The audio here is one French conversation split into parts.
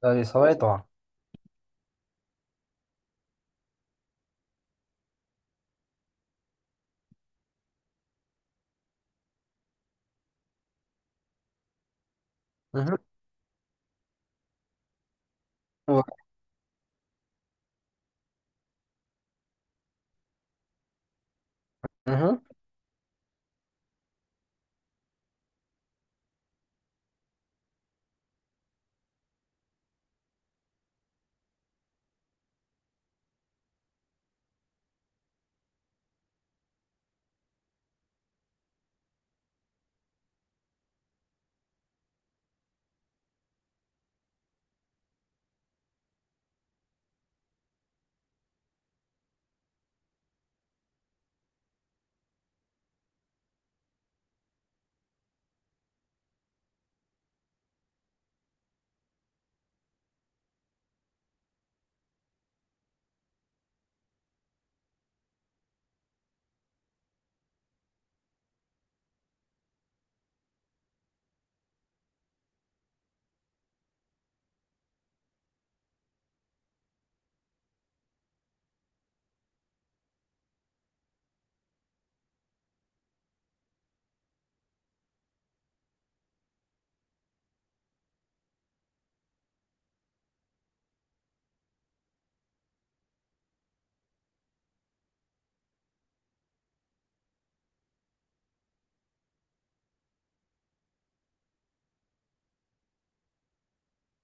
Allez, ça va et toi? Mhm. Ouais. Mhm.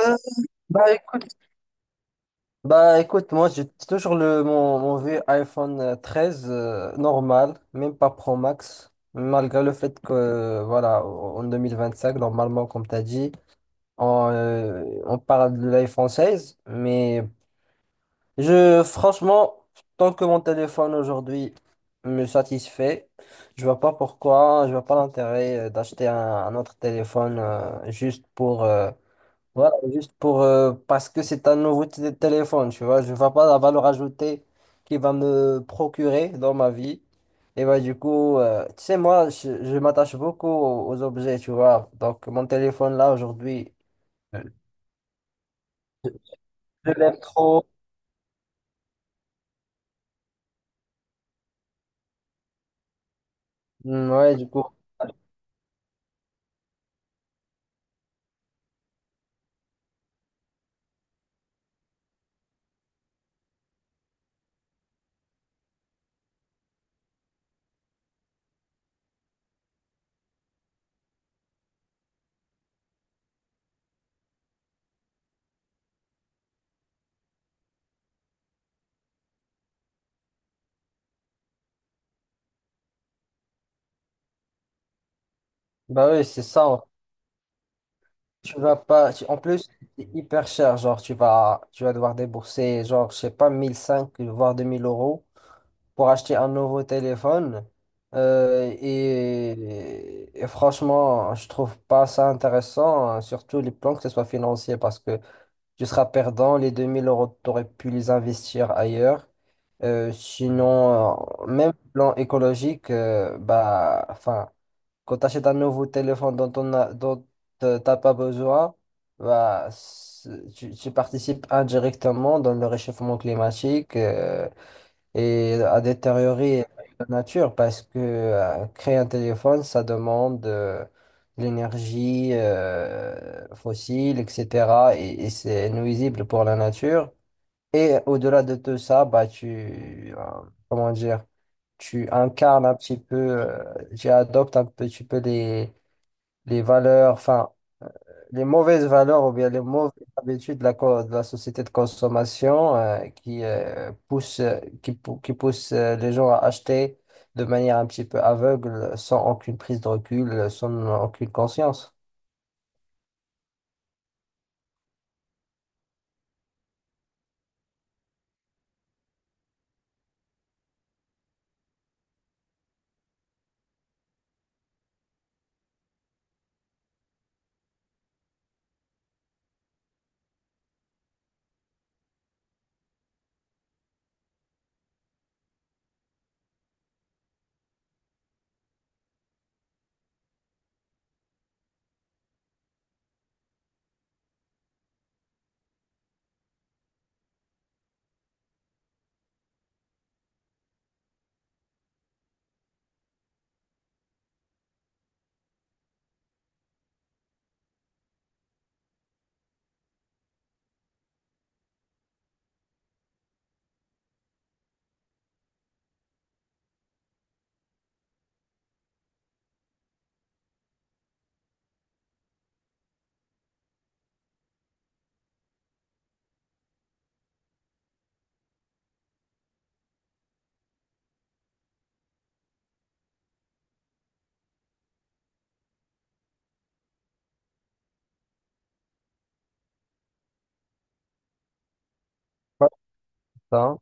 Euh, bah écoute, bah écoute, moi j'ai toujours le mon vieux iPhone 13 normal, même pas Pro Max, malgré le fait que voilà, en cinq normalement, comme t'as dit, on parle de l'iPhone 16, mais je, franchement, tant que mon téléphone aujourd'hui me satisfait, je vois pas pourquoi, je vois pas l'intérêt d'acheter un autre téléphone, juste pour. Voilà, juste pour, parce que c'est un nouveau téléphone, tu vois, je ne vois pas la valeur ajoutée qu'il va me procurer dans ma vie. Et bah du coup, tu sais, moi, je m'attache beaucoup aux objets, tu vois. Donc mon téléphone là aujourd'hui, je l'aime trop. Mm, ouais, du coup, bah oui, c'est ça. Tu vas pas. En plus, c'est hyper cher, genre tu vas devoir débourser, genre, je sais pas, mille cinq voire 2 000 euros pour acheter un nouveau téléphone. Et franchement, je trouve pas ça intéressant, hein, surtout les plans que ce soit financier, parce que tu seras perdant, les 2 000 euros, tu aurais pu les investir ailleurs. Sinon, même plan écologique, bah, enfin, quand tu achètes un nouveau téléphone dont on a, dont t'as pas besoin, bah, tu participes indirectement dans le réchauffement climatique, et à détériorer la nature parce que créer un téléphone, ça demande de l'énergie fossile, etc. Et c'est nuisible pour la nature. Et au-delà de tout ça, bah, tu, comment dire, tu incarnes un petit peu, tu adoptes un petit peu les, valeurs, enfin, les mauvaises valeurs ou bien les mauvaises habitudes de la société de consommation qui poussent, qui poussent les gens à acheter de manière un petit peu aveugle, sans aucune prise de recul, sans aucune conscience. Voilà.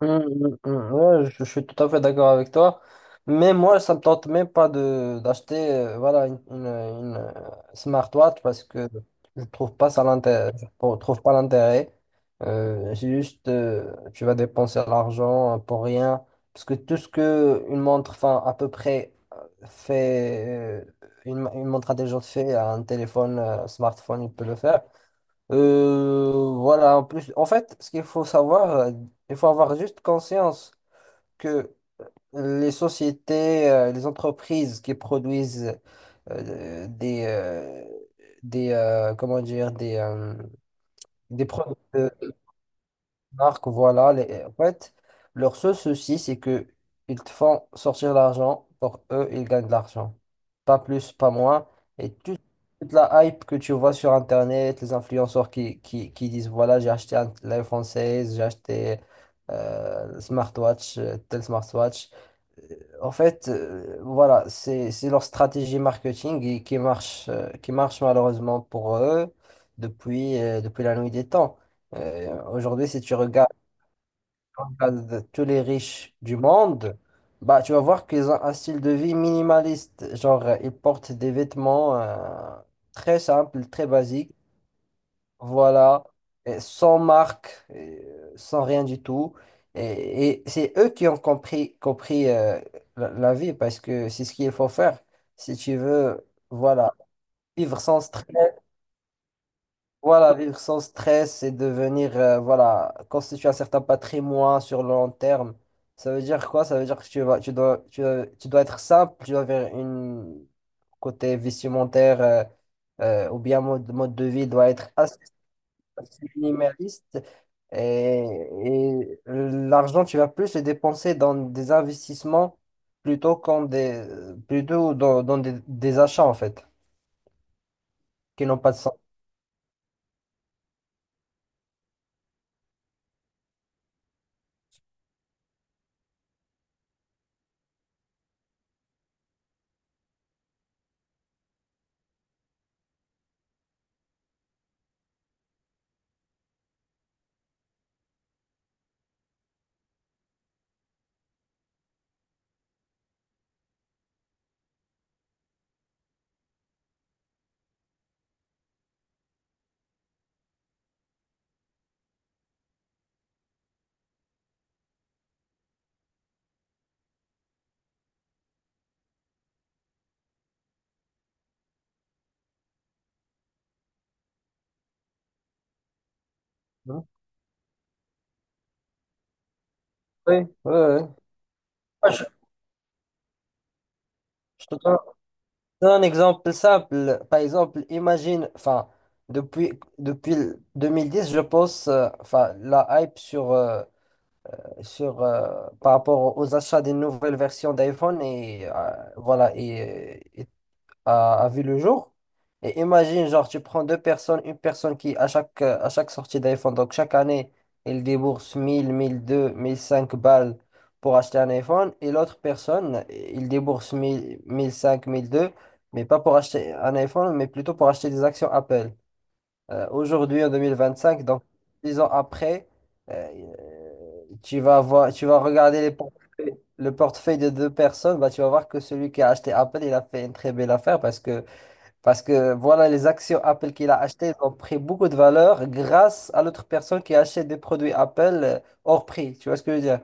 Ouais, je suis tout à fait d'accord avec toi. Mais moi, ça me tente même pas de d'acheter voilà, une smartwatch parce que je trouve pas ça l'intérêt, je trouve pas l'intérêt. C'est juste, tu vas dépenser l'argent pour rien. Parce que tout ce que une montre, enfin, à peu près, fait, une montre intelligente fait, un téléphone, smartphone, il peut le faire. Voilà, en plus, en fait, ce qu'il faut savoir, il faut avoir juste conscience que les sociétés, les entreprises qui produisent euh, des, euh, des comment dire, des des produits marques, voilà. En fait, leur seul souci, c'est que ils te font sortir l'argent. Pour eux, ils gagnent de l'argent. Pas plus, pas moins. Et toute la hype que tu vois sur Internet, les influenceurs qui disent, voilà, j'ai acheté l'iPhone 16, j'ai acheté le smartwatch, tel smartwatch. Euh, En fait, voilà, c'est leur stratégie marketing qui marche malheureusement pour eux depuis, depuis la nuit des temps. Aujourd'hui, si tu regardes, tous les riches du monde, bah, tu vas voir qu'ils ont un style de vie minimaliste. Genre, ils portent des vêtements très simples, très basiques, voilà, et sans marque, et, sans rien du tout. Et c'est eux qui ont compris la vie parce que c'est ce qu'il faut faire si tu veux, voilà, vivre sans stress. Voilà, vivre sans stress et devenir, voilà, constituer un certain patrimoine sur le long terme. Ça veut dire quoi? Ça veut dire que tu dois être simple, tu dois avoir une côté vestimentaire, ou bien mode, mode de vie doit être assez minimaliste. Et l'argent, tu vas plus le dépenser dans des investissements plutôt qu'en des, plutôt dans des achats en fait, qui n'ont pas de sens. Oui, oui, oui. Moi, je te donne un exemple simple, par exemple, imagine, enfin, depuis, depuis le 2010, je pense, enfin, la hype sur par rapport aux achats des nouvelles versions d'iPhone et voilà, et, à vu le jour. Et imagine, genre, tu prends deux personnes, une personne qui, à chaque sortie d'iPhone, donc chaque année, elle débourse mille deux mille cinq balles pour acheter un iPhone, et l'autre personne, il débourse mille cinq mille deux mais pas pour acheter un iPhone, mais plutôt pour acheter des actions Apple. Aujourd'hui, en 2025 donc 10 ans après, euh, tu vas voir, tu vas regarder les le portefeuille de deux personnes, bah, tu vas voir que celui qui a acheté Apple, il a fait une très belle affaire parce que voilà, les actions Apple qu'il a achetées, elles ont pris beaucoup de valeur grâce à l'autre personne qui achète des produits Apple hors prix. Tu vois ce que je veux dire?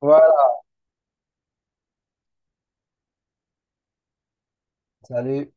Voilà, salut.